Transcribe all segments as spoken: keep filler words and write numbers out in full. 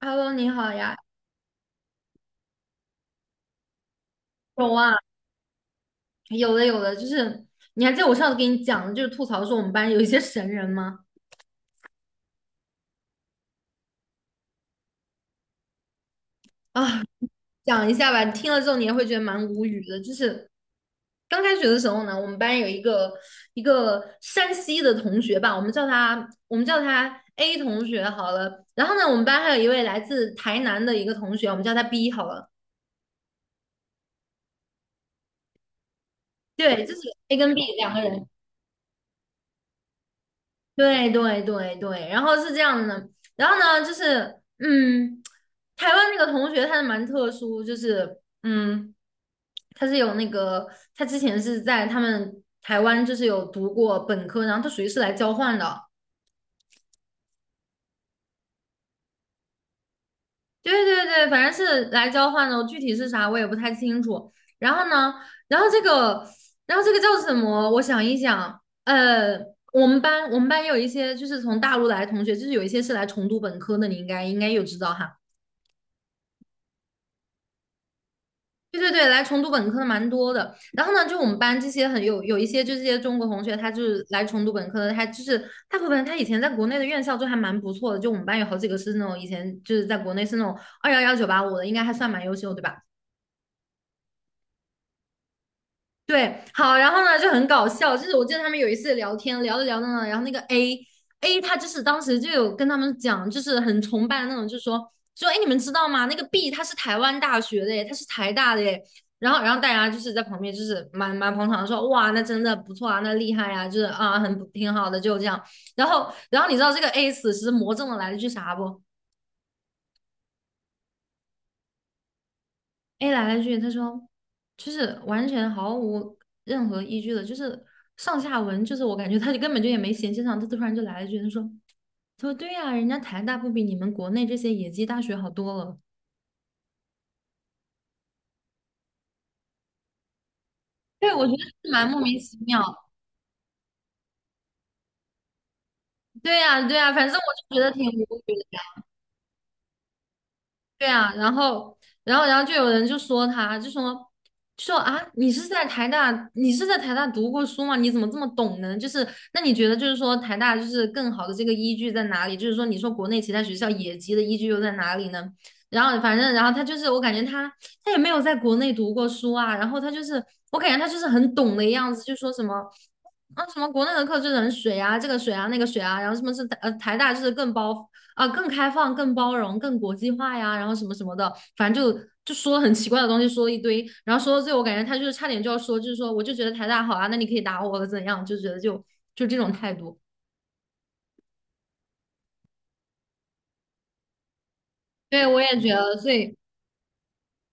Hello，你好呀，有啊，有的有的，就是你还记得我上次给你讲的，就是吐槽说我们班有一些神人吗？啊，讲一下吧，你听了之后你也会觉得蛮无语的。就是刚开学的时候呢，我们班有一个一个山西的同学吧，我们叫他我们叫他 A 同学好了。然后呢，我们班还有一位来自台南的一个同学，我们叫他 B 好了。对，就是 A 跟 B 两个人。对对对对，然后是这样的，然后呢，就是嗯，台湾那个同学他是蛮特殊，就是嗯，他是有那个，他之前是在他们台湾就是有读过本科，然后他属于是来交换的，对对对，反正是来交换的，具体是啥我也不太清楚。然后呢，然后这个，然后这个叫什么？我想一想，呃，我们班我们班有一些就是从大陆来的同学，就是有一些是来重读本科的，你应该应该有知道哈。对对对，来重读本科的蛮多的。然后呢，就我们班这些很有有一些就这些中国同学，他就是来重读本科的，他就是大部分他以前在国内的院校就还蛮不错的。就我们班有好几个是那种以前就是在国内是那种二幺幺九八五的，应该还算蛮优秀，对吧？对，好，然后呢就很搞笑，就是我记得他们有一次聊天，聊着聊着呢，然后那个 A A 他就是当时就有跟他们讲，就是很崇拜的那种，就说说哎，诶你们知道吗？那个 B 他是台湾大学的耶，他是台大的耶。然后，然后大家就是在旁边就是蛮蛮捧场的说，哇，那真的不错啊，那厉害啊，就是啊，很不挺好的，就这样。然后，然后你知道这个 A 死时魔怔的来了句啥不？A 来了句，他说就是完全毫无任何依据的，就是上下文，就是我感觉他就根本就也没衔接上，他突然就来了一句，他说他说对呀、人家台大不比你们国内这些野鸡大学好多了。对，我觉得 是蛮莫名其妙。对呀、对呀、反正我就觉得挺无语的。对啊，然后，然后，然后就有人就说他，就说，就说啊，你是在台大，你是在台大读过书吗？你怎么这么懂呢？就是，那你觉得就是说台大就是更好的这个依据在哪里？就是说，你说国内其他学校野鸡的依据又在哪里呢？然后反正，然后他就是，我感觉他他也没有在国内读过书啊，然后他就是，我感觉他就是很懂的样子，就说什么。啊，什么国内的课就是很水啊，这个水啊，那个水啊，然后什么是呃台大就是更包啊、更开放、更包容、更国际化呀，然后什么什么的，反正就就说了很奇怪的东西，说了一堆，然后说到最后，我感觉他就是差点就要说，就是说我就觉得台大好啊，那你可以打我怎样，就觉得就就这种态度。对，我也觉得，所以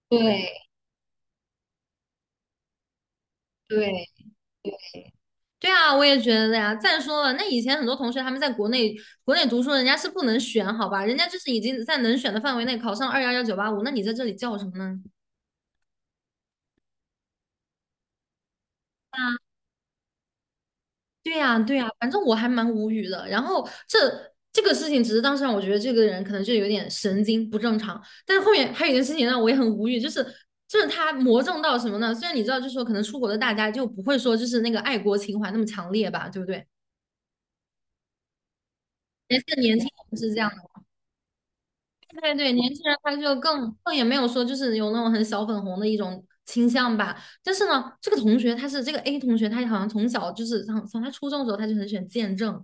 对对对啊，我也觉得呀。再说了，那以前很多同学他们在国内国内读书，人家是不能选，好吧，人家就是已经在能选的范围内考上二幺幺九八五，那你在这里叫什么呢？对呀，对呀，反正我还蛮无语的。然后这这个事情，只是当时让我觉得这个人可能就有点神经不正常。但是后面还有一件事情让我也很无语，就是就是他魔怔到什么呢？虽然你知道，就是说可能出国的大家就不会说就是那个爱国情怀那么强烈吧，对不对？而且年轻人是这样的，对对，年轻人他就更更也没有说就是有那种很小粉红的一种倾向吧。但是呢，这个同学他是这个 A 同学，他好像从小就是从从他初中的时候他就很喜欢见证。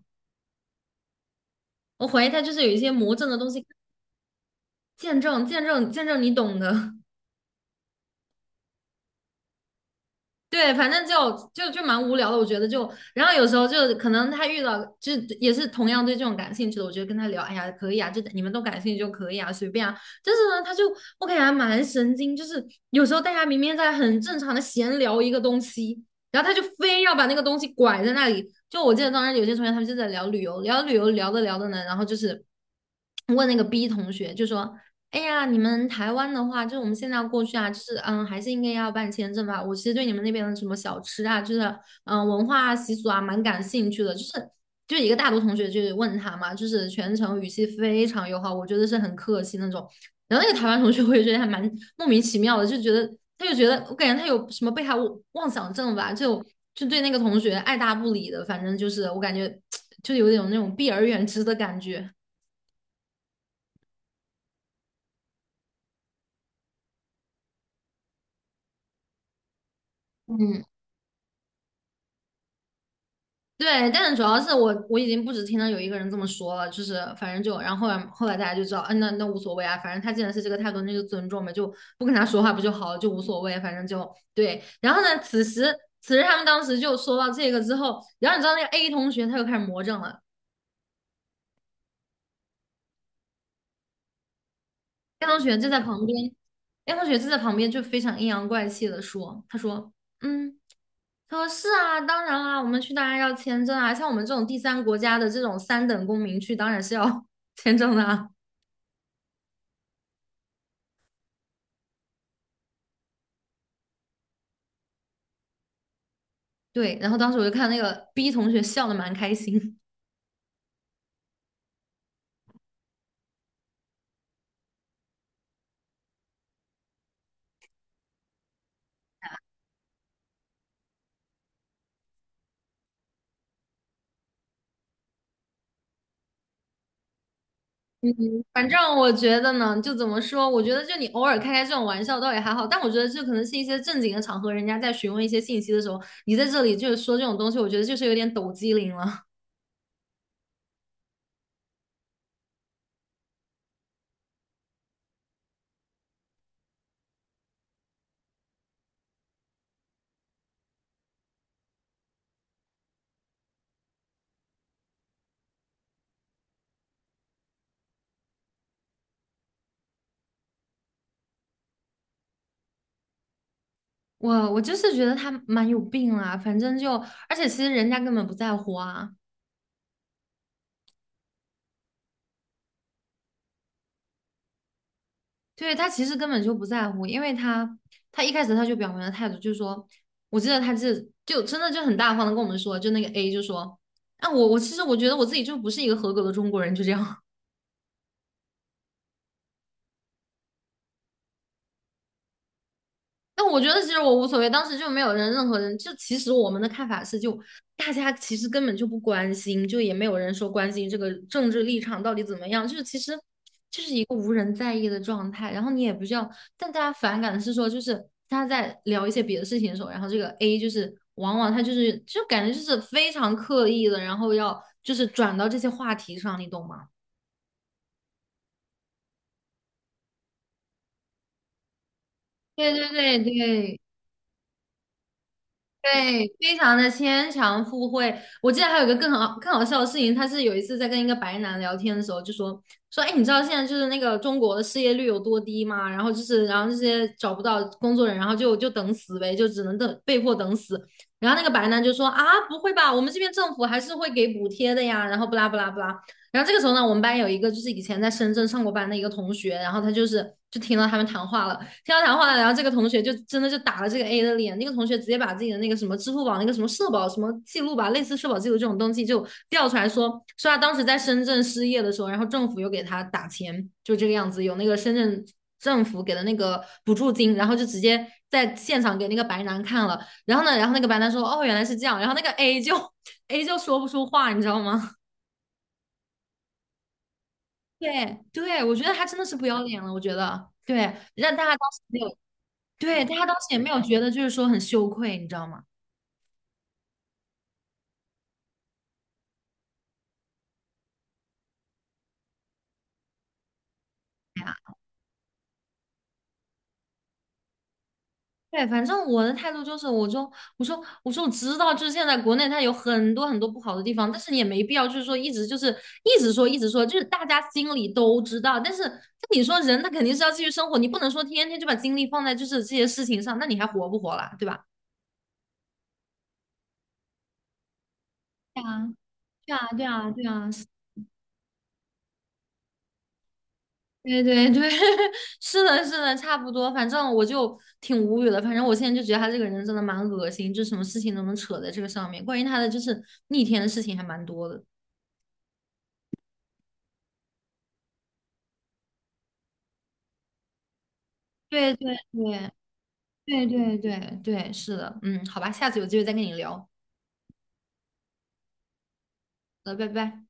我怀疑他就是有一些魔怔的东西见证见证见证，你懂的。对，反正就就就蛮无聊的，我觉得就，然后有时候就可能他遇到就也是同样对这种感兴趣的，我觉得跟他聊，哎呀，可以啊，就你们都感兴趣就可以啊，随便啊。但是呢，他就我感觉还蛮神经，就是有时候大家明明在很正常的闲聊一个东西，然后他就非要把那个东西拐在那里。就我记得当时有些同学他们就在聊旅游，聊旅游聊着聊着呢，然后就是问那个 B 同学，就说："哎呀，你们台湾的话，就是我们现在要过去啊，就是嗯，还是应该要办签证吧。我其实对你们那边的什么小吃啊，就是嗯文化啊习俗啊，蛮感兴趣的。就是就一个大多同学就问他嘛，就是全程语气非常友好，我觉得是很客气那种。然后那个台湾同学，我也觉得还蛮莫名其妙的，就觉得他就觉得我感觉他有什么被害妄想症吧，就就对那个同学爱答不理的，反正就是我感觉就有点那种避而远之的感觉。嗯对，但是主要是我我已经不止听到有一个人这么说了，就是反正就然后后来后来大家就知道，嗯、那那无所谓啊，反正他既然是这个态度，那就尊重呗，就不跟他说话不就好了，就无所谓，反正就对。然后呢，此时此时他们当时就说到这个之后，然后你知道那个 A 同学他又开始魔怔了。燕同学就在旁边，燕同学就在旁边就非常阴阳怪气的说："他说，嗯，他说是啊，当然啦，我们去当然要签证啊，像我们这种第三国家的这种三等公民去，当然是要 签证的啊。"对，然后当时我就看那个 B 同学笑的蛮开心。嗯，反正我觉得呢，就怎么说，我觉得就你偶尔开开这种玩笑倒也还好，但我觉得这可能是一些正经的场合，人家在询问一些信息的时候，你在这里就是说这种东西，我觉得就是有点抖机灵了。我我就是觉得他蛮有病啦，反正就，而且其实人家根本不在乎啊，对，他其实根本就不在乎，因为他他一开始他就表明了态度，就是说，我记得他这就真的就很大方的跟我们说，就那个 A 就说，啊我我其实我觉得我自己就不是一个合格的中国人，就这样，那我觉得其实我无所谓，当时就没有人任何人，就其实我们的看法是就大家其实根本就不关心，就也没有人说关心这个政治立场到底怎么样，就是其实。无人在意的状态，然后你也不需要。但大家反感的是说，就是他在聊一些别的事情的时候，然后这个 A 就是往往他就是就感觉就是非常刻意的，然后要就是转到这些话题上，你懂吗？对对对对对，非常的牵强附会。我记得还有一个更好更好笑的事情，他是有一次在跟一个白男聊天的时候，就说说，哎，你知道现在就是那个中国的失业率有多低吗？然后就是，然后这些找不到工作人，然后就就等死呗，就只能等被迫等死。然后那个白男就说啊，不会吧，我们这边政府还是会给补贴的呀。然后不拉不拉不拉。然后这个时候呢，我们班有一个就是以前在深圳上过班的一个同学，然后他就是就听到他们谈话了。听到谈话呢，然后这个同学就真的就打了这个 A 的脸，那个同学直接把自己的那个什么支付宝那个什么社保什么记录吧，类似社保记录这种东西就调出来说，说他当时在深圳失业的时候，然后政府又给他打钱，就这个样子，有那个深圳政府给的那个补助金，然后就直接在现场给那个白男看了，然后呢，然后那个白男说，哦，原来是这样，然后那个 A 就 A 就说不出话，你知道吗？对对，我觉得他真的是不要脸了，我觉得对，让大家当时没有对，大家当时也没有觉得就是说很羞愧，你知道吗？对呀，对，反正我的态度就是，我就我说我说我知道，就是现在国内它有很多很多不好的地方，但是你也没必要就是说一直就是一直说一直说，就是大家心里都知道，但是那你说人他肯定是要继续生活，你不能说天天就把精力放在就是这些事情上，那你还活不活了，对吧？对啊，对啊，对啊，对啊，对 对对，是的，是的，差不多。反正我就挺无语的。反正我现在就觉得他这个人真的蛮恶心，就什么事情都能扯在这个上面。关于他的就是逆天的事情还蛮多的。对对对对对对对，是的，嗯，好吧，下次有机会再跟你聊。好的拜拜。